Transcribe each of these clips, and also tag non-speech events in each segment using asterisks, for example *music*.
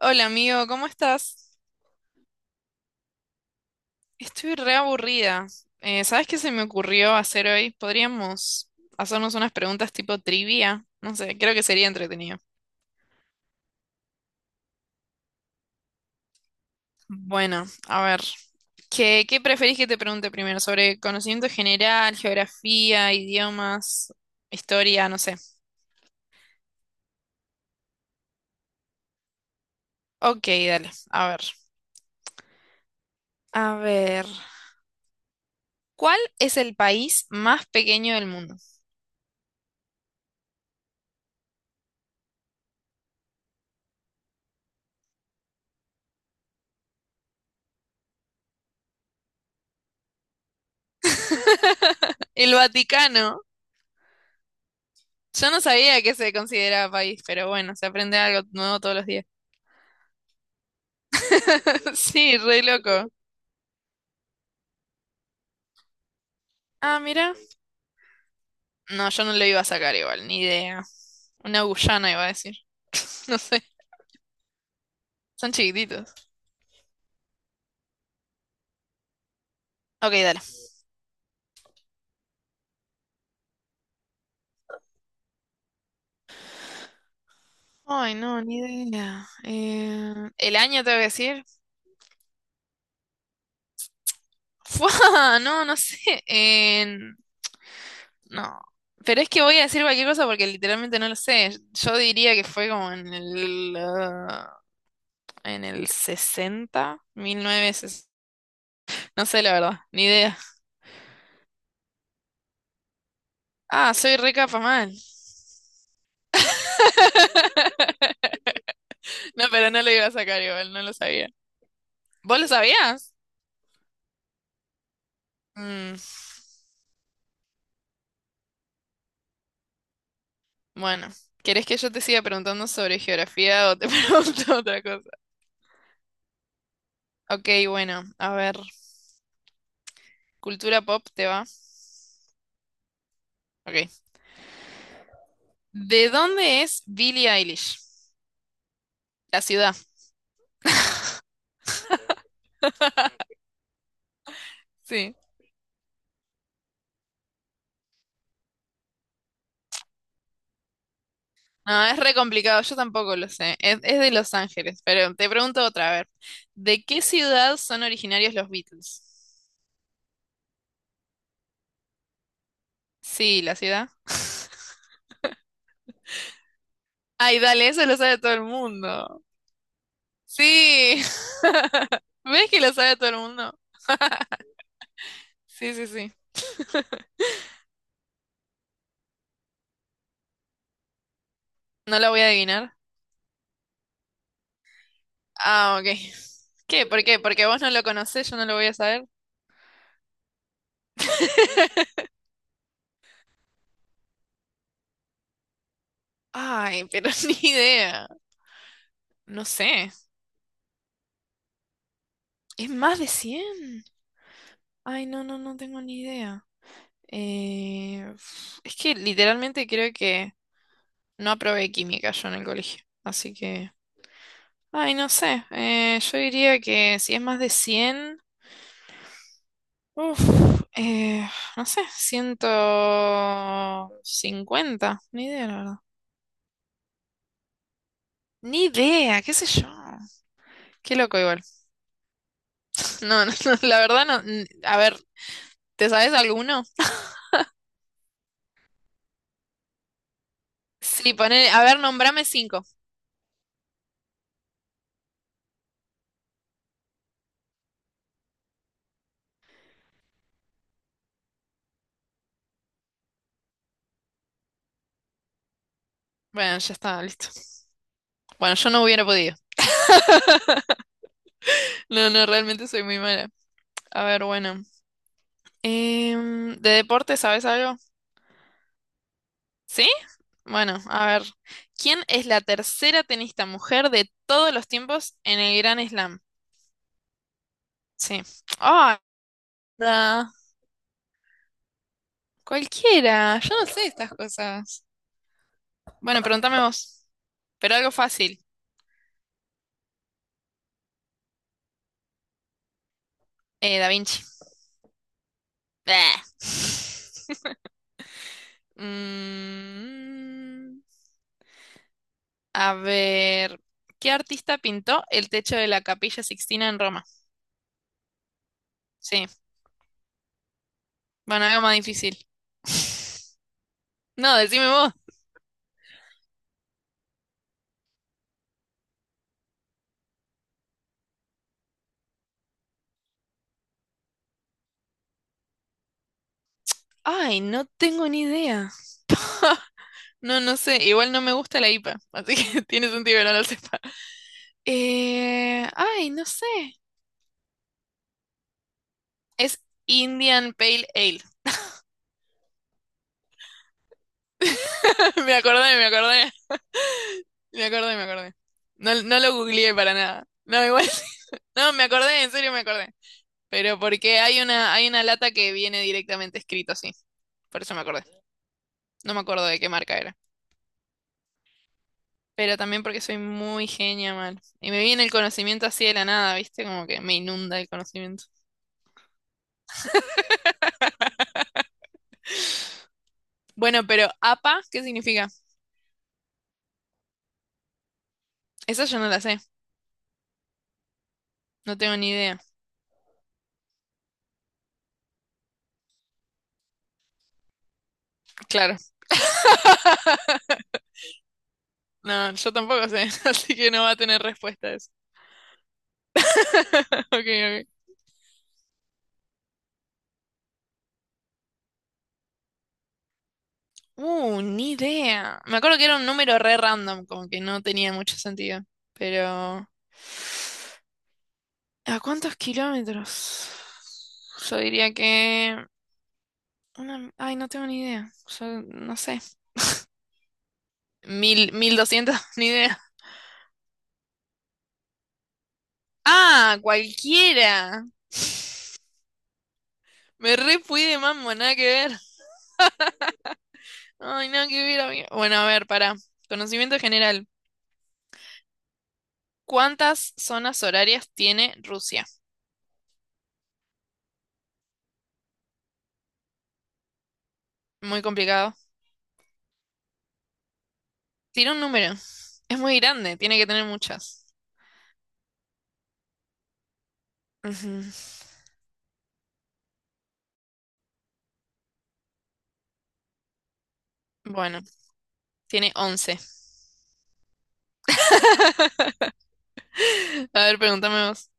Hola amigo, ¿cómo estás? Estoy re aburrida. ¿Sabes qué se me ocurrió hacer hoy? Podríamos hacernos unas preguntas tipo trivia. No sé, creo que sería entretenido. Bueno, a ver, ¿qué preferís que te pregunte primero? ¿Sobre conocimiento general, geografía, idiomas, historia? No sé. Ok, dale, a ver. A ver, ¿cuál es el país más pequeño del mundo? *laughs* El Vaticano. Yo no sabía que se consideraba país, pero bueno, se aprende algo nuevo todos los días. *laughs* Sí, re loco. Ah, mira. No, yo no lo iba a sacar igual, ni idea. Una Guyana iba a decir. *laughs* No sé, son chiquititos. Ok, dale. Ay, no, ni idea. ¿El año tengo que decir? *laughs* ¡Fua! No, no sé. En- no. Pero es que voy a decir cualquier cosa porque literalmente no lo sé. Yo diría que fue como en el 60. No sé, la verdad, ni idea. Ah, soy re capa mal. *laughs* No, pero no lo iba a sacar igual, no lo sabía. ¿Vos lo sabías? Mm, bueno, ¿querés que yo te siga preguntando sobre geografía o te *laughs* pregunto otra cosa? Ok, bueno, a ver. Cultura pop, ¿te va? Ok. ¿De dónde es Billie Eilish? La ciudad. Sí. No, es re complicado, yo tampoco lo sé. Es de Los Ángeles, pero te pregunto otra, a ver. ¿De qué ciudad son originarios los Beatles? Sí, la ciudad. *laughs* Ay, dale, eso lo sabe todo el mundo. Sí, *laughs* ¿ves que lo sabe todo el mundo? Sí, sí, sí. No lo voy a adivinar. Ah, ok. ¿Qué? ¿Por qué? Porque vos no lo conocés, yo no lo voy a saber. *laughs* Ay, pero *laughs* ni idea. No sé. ¿Es más de cien? Ay, no, no, no tengo ni idea. Uf, es que literalmente creo que no aprobé química yo en el colegio. Así que... Ay, no sé. Yo diría que si es más de cien. Uf, eh, no sé, ciento cincuenta, ni idea, la verdad. Ni idea, qué sé yo. Qué loco igual. No, no, *laughs* no, la verdad no. A ver, ¿te sabes alguno? Sí, poné, a ver, nombrame cinco. Bueno, ya está, listo. Bueno, yo no hubiera podido. *laughs* No, no, realmente soy muy mala. A ver, bueno. ¿De deporte sabes algo? ¿Sí? Bueno, a ver. ¿Quién es la tercera tenista mujer de todos los tiempos en el Gran Slam? Sí. Da, cualquiera, yo no sé estas cosas. Bueno, pregúntame vos, pero algo fácil. Da Vinci. Bleh. *laughs* Mm, a ver, ¿qué artista pintó el techo de la Capilla Sixtina en Roma? Sí, bueno, algo más difícil. *laughs* No, decime vos. Ay, no tengo ni idea. No, no sé, igual no me gusta la IPA, así que *laughs* tiene sentido que no lo sepa. Ay, no sé. Es Indian Pale Ale. *laughs* Me acordé, me acordé. Me acordé, me acordé. No, no lo googleé para nada. No, igual. *laughs* No, me acordé, en serio me acordé. Pero porque hay una lata que viene directamente escrito así. Por eso me acordé. No me acuerdo de qué marca era. Pero también porque soy muy genia, mal. Y me viene el conocimiento así de la nada, ¿viste? Como que me inunda el conocimiento. Bueno, pero APA, ¿qué significa? Esa yo no la sé. No tengo ni idea. Claro. *laughs* No, yo tampoco sé. *laughs* Así que no va a tener respuesta. *laughs* Ok, ok. Ni idea. Me acuerdo que era un número re random, como que no tenía mucho sentido. Pero... ¿A cuántos kilómetros? Yo diría que... Una... Ay, no tengo ni idea. Yo no sé. Mil, mil doscientos, *laughs* ni idea. Ah, cualquiera. *laughs* Me re fui de mambo, nada que ver. Ay, nada que ver, amigo. Bueno, a ver, para conocimiento general. ¿Cuántas zonas horarias tiene Rusia? Muy complicado. Tira un número. Es muy grande, tiene que tener muchas. Ujú. Bueno, tiene 11. *laughs* A ver, pregúntame vos.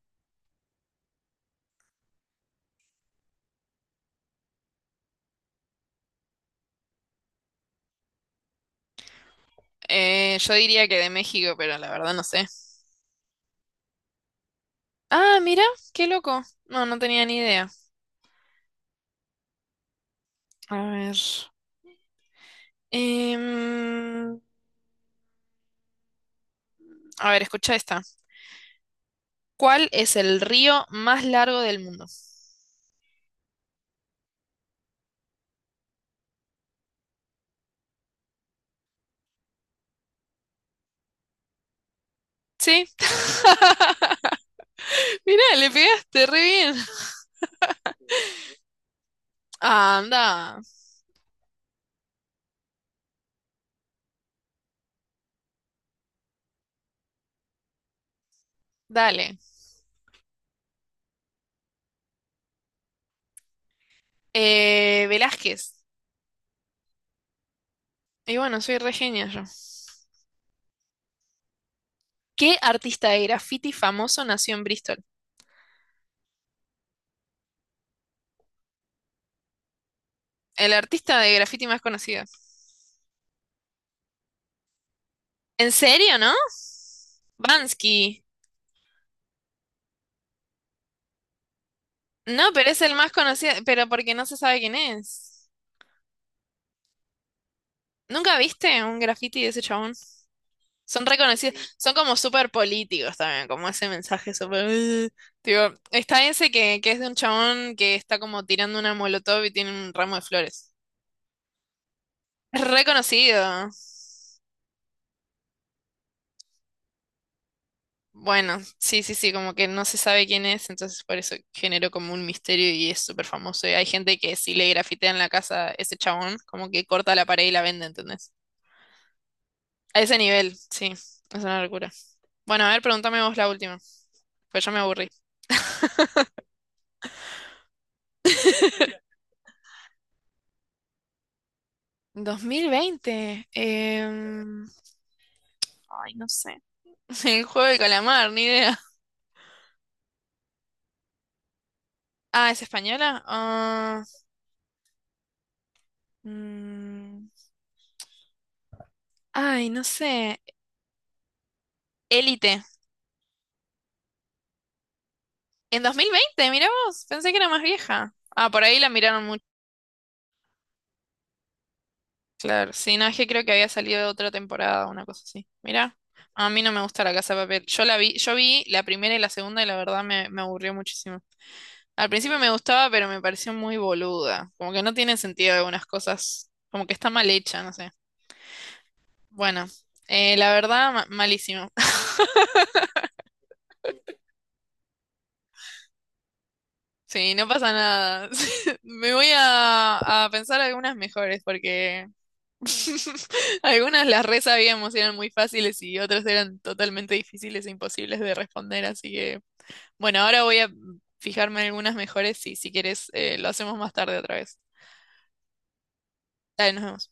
Yo diría que de México, pero la verdad no sé. Ah, mira, qué loco. No, no tenía ni idea. A ver. Em, a ver, escucha esta. ¿Cuál es el río más largo del mundo? Sí. *laughs* Mira, le pegaste re bien. Anda, dale. Velázquez. Y bueno, soy re genia yo. ¿Qué artista de graffiti famoso nació en Bristol? El artista de graffiti más conocido. ¿En serio, no? Bansky. No, pero es el más conocido, pero porque no se sabe quién es. ¿Nunca viste un graffiti de ese chabón? Son reconocidos, son como súper políticos también, como ese mensaje súper... "Ugh". Tipo, está ese que es de un chabón que está como tirando una molotov y tiene un ramo de flores. Es reconocido. Bueno, sí, sí, sí, como que no se sabe quién es, entonces por eso generó como un misterio y es súper famoso. Y hay gente que si le grafitean la casa a ese chabón, como que corta la pared y la vende, ¿entendés? A ese nivel, sí, es una locura. Bueno, a ver, pregúntame vos la última, pues ya me aburrí. 2020, ay, no sé. *laughs* El juego de calamar, ni idea. Ah, ¿es española? Ah, mm, ay, no sé. Élite. En 2020, mira vos, pensé que era más vieja. Ah, por ahí la miraron. Claro, sí, no, es que creo que había salido otra temporada, una cosa así. Mira, a mí no me gusta La Casa de Papel. Yo la vi, yo vi la primera y la segunda y la verdad me aburrió muchísimo. Al principio me gustaba, pero me pareció muy boluda. Como que no tiene sentido algunas cosas, como que está mal hecha, no sé. Bueno, la verdad, malísimo. *laughs* Sí, no pasa nada. *laughs* Me voy a pensar algunas mejores porque *laughs* algunas las re sabíamos y eran muy fáciles y otras eran totalmente difíciles e imposibles de responder, así que bueno, ahora voy a fijarme en algunas mejores y si quieres lo hacemos más tarde otra vez. Dale, nos vemos.